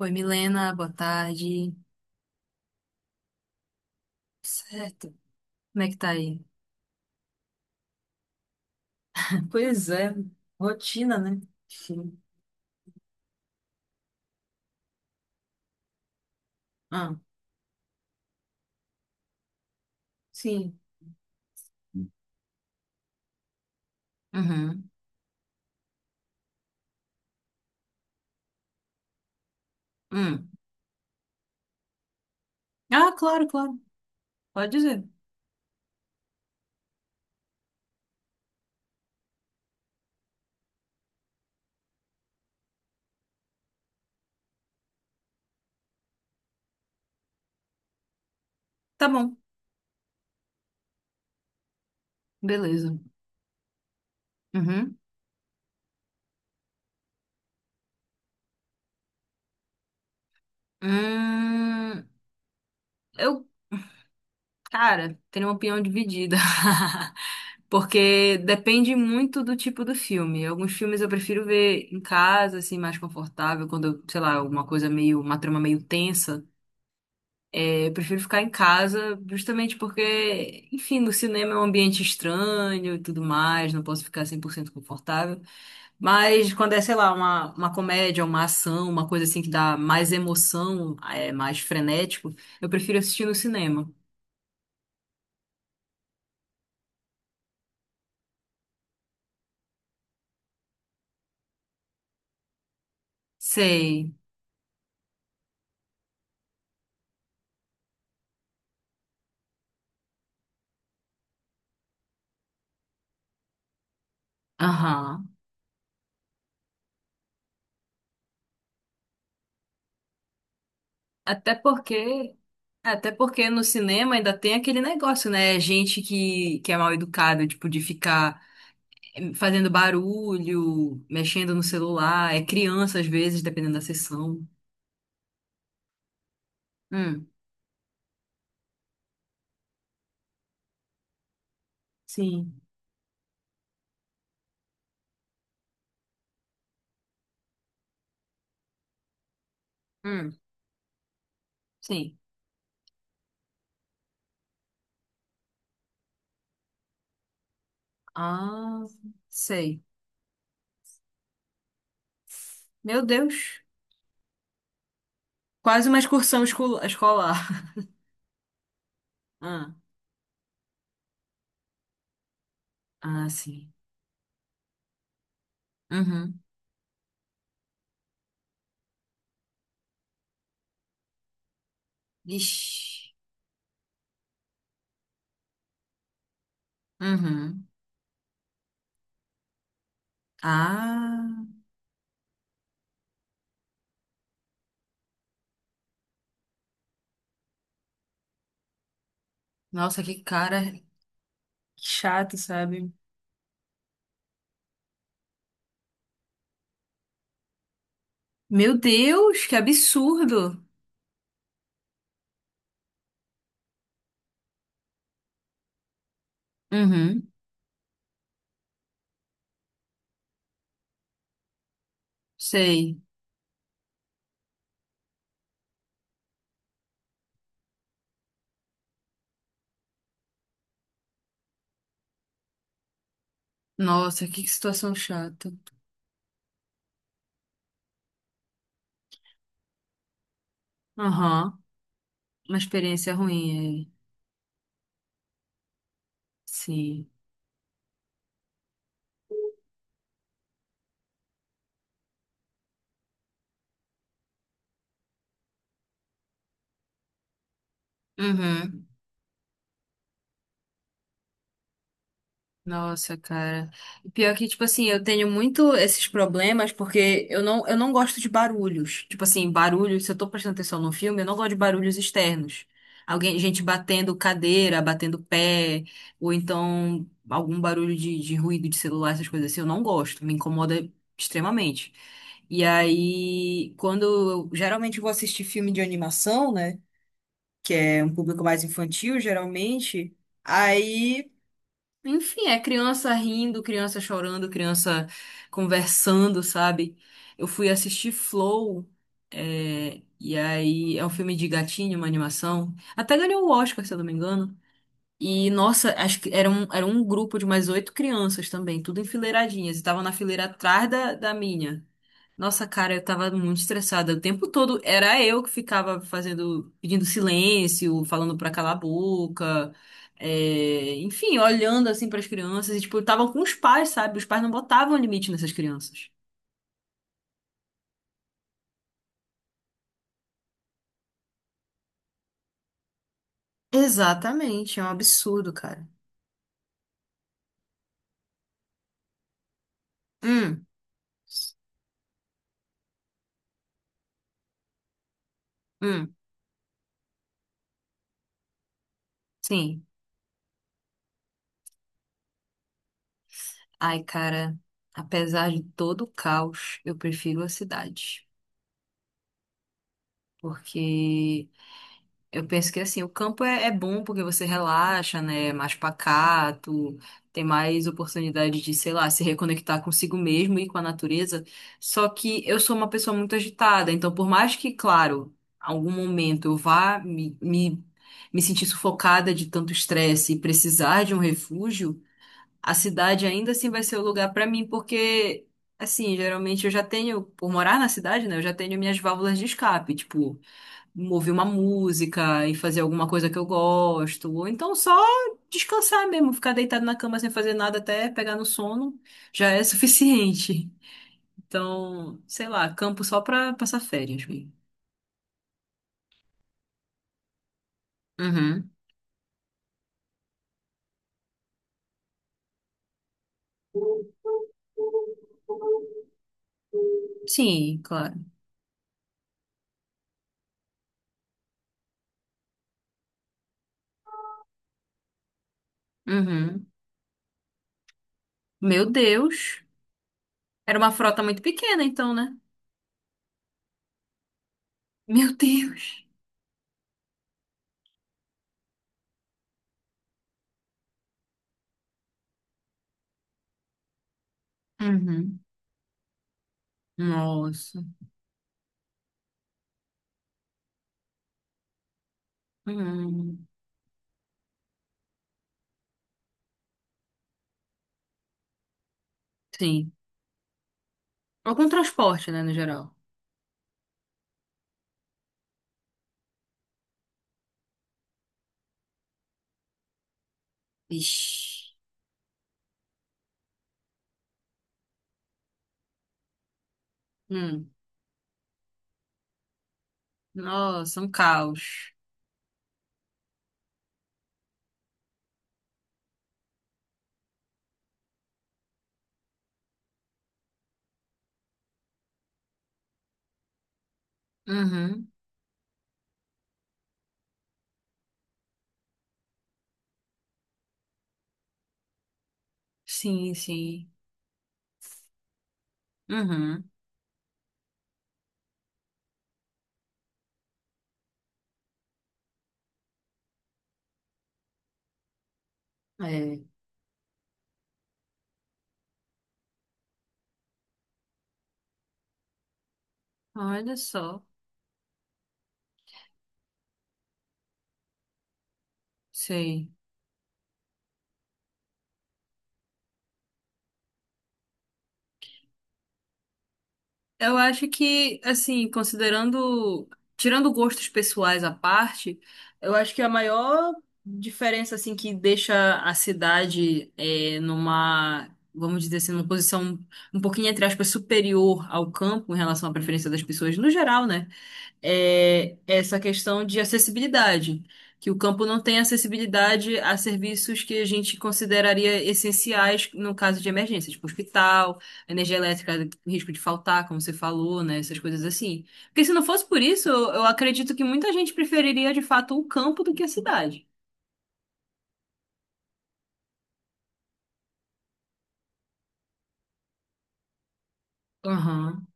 Oi, Milena, boa tarde. Certo. Como é que tá aí? Pois é, rotina, né? Sim. Ah, sim. Uhum. Hum, ah, claro, claro. Pode dizer. Tá bom, beleza. Uhum. Hum, eu, cara, tenho uma opinião dividida. Porque depende muito do tipo do filme. Alguns filmes eu prefiro ver em casa, assim, mais confortável, quando, eu, sei lá, alguma coisa meio, uma trama meio tensa. É, eu prefiro ficar em casa, justamente porque, enfim, no cinema é um ambiente estranho e tudo mais, não posso ficar 100% confortável. Mas quando é, sei lá, uma comédia, uma ação, uma coisa assim que dá mais emoção, é mais frenético, eu prefiro assistir no cinema. Sei. Aham. Até porque. Até porque no cinema ainda tem aquele negócio, né? É gente que é mal educada, tipo, de ficar fazendo barulho, mexendo no celular, é criança às vezes, dependendo da sessão. Hum, Sim. Hum, sim. Ah, sei. Meu Deus. Quase uma excursão escolar. Ah, ah, sim. Uhum. Ixi. Uhum. Ah, nossa, que cara chato, sabe? Meu Deus, que absurdo. Uhum. Sei. Nossa, que situação chata. Aham. Uma experiência ruim aí. Sim. Uhum. Nossa, cara. E pior que, tipo assim, eu tenho muito esses problemas porque eu não gosto de barulhos. Tipo assim, barulhos, se eu tô prestando atenção no filme, eu não gosto de barulhos externos. Alguém, gente batendo cadeira, batendo pé, ou então algum barulho de ruído de celular, essas coisas assim, eu não gosto, me incomoda extremamente. E aí, quando eu geralmente vou assistir filme de animação, né? Que é um público mais infantil, geralmente. Aí, enfim, é criança rindo, criança chorando, criança conversando, sabe? Eu fui assistir Flow, é, e aí é um filme de gatinho, uma animação. Até ganhou o Oscar, se eu não me engano. E, nossa, acho que era era um grupo de mais oito crianças também, tudo enfileiradinhas. E tava na fileira atrás da minha. Nossa, cara, eu tava muito estressada. O tempo todo era eu que ficava fazendo, pedindo silêncio, falando pra calar a boca, é, enfim, olhando assim pras crianças. E, tipo, estavam com os pais, sabe? Os pais não botavam limite nessas crianças. Exatamente, é um absurdo, cara. Hum, hum, sim. Ai, cara, apesar de todo o caos, eu prefiro a cidade. Porque eu penso que assim, o campo é, é bom porque você relaxa, né? É mais pacato, tem mais oportunidade de, sei lá, se reconectar consigo mesmo e com a natureza. Só que eu sou uma pessoa muito agitada, então por mais que, claro, algum momento eu vá me sentir sufocada de tanto estresse e precisar de um refúgio, a cidade ainda assim vai ser o lugar para mim, porque assim, geralmente eu já tenho, por morar na cidade, né? Eu já tenho minhas válvulas de escape, tipo ouvir uma música e fazer alguma coisa que eu gosto, ou então só descansar mesmo, ficar deitado na cama sem fazer nada até pegar no sono, já é suficiente. Então, sei lá, campo só pra passar férias mesmo. Uhum. Sim, claro. Uhum. Meu Deus. Era uma frota muito pequena, então, né? Meu Deus. Uhum. Nossa. Uhum. Sim. Algum transporte, né, no geral. Ixi. Hum. Nossa, um caos. Uhum. Sim, sim. Uhum. É. Olha só. Sei. Eu acho que, assim, considerando, tirando gostos pessoais à parte, eu acho que a maior diferença, assim, que deixa a cidade é, numa, vamos dizer assim, numa posição um pouquinho, entre aspas, superior ao campo em relação à preferência das pessoas no geral, né? É essa questão de acessibilidade, que o campo não tem acessibilidade a serviços que a gente consideraria essenciais no caso de emergência, tipo hospital, energia elétrica, risco de faltar, como você falou, né, essas coisas assim. Porque se não fosse por isso, eu acredito que muita gente preferiria de fato o campo do que a cidade. Aham.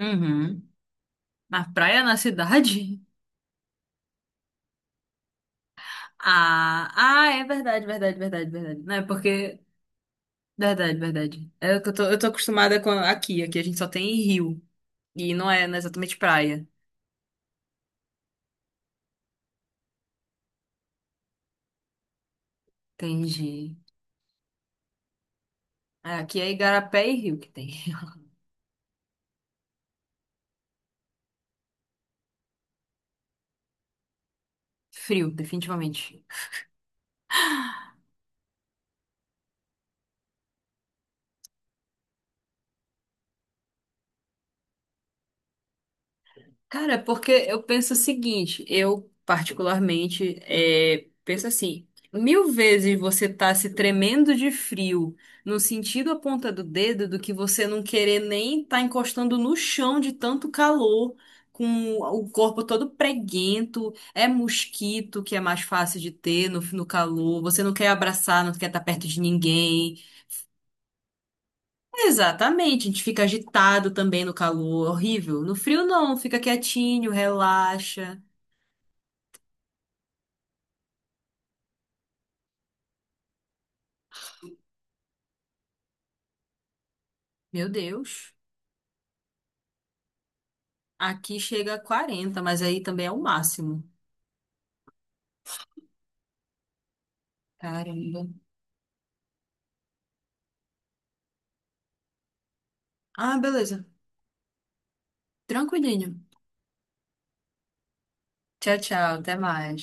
Uhum. Na praia, na cidade? Ah, ah, é verdade, verdade, verdade, verdade. Não é porque verdade, verdade. É o que eu tô acostumada com aqui. Aqui a gente só tem rio. E não é, não é exatamente praia. Entendi, é, aqui é igarapé e rio que tem. Frio, definitivamente. Cara, é porque eu penso o seguinte, eu particularmente é, penso assim, mil vezes você tá se tremendo de frio no sentido a ponta do dedo do que você não querer nem tá encostando no chão de tanto calor, com o corpo todo preguento, é mosquito que é mais fácil de ter no calor, você não quer abraçar, não quer estar perto de ninguém. Exatamente, a gente fica agitado também no calor, horrível. No frio não, fica quietinho, relaxa. Meu Deus. Aqui chega a 40, mas aí também é o máximo. Caramba. Ah, beleza. Tranquilinho. Tchau, tchau. Até mais.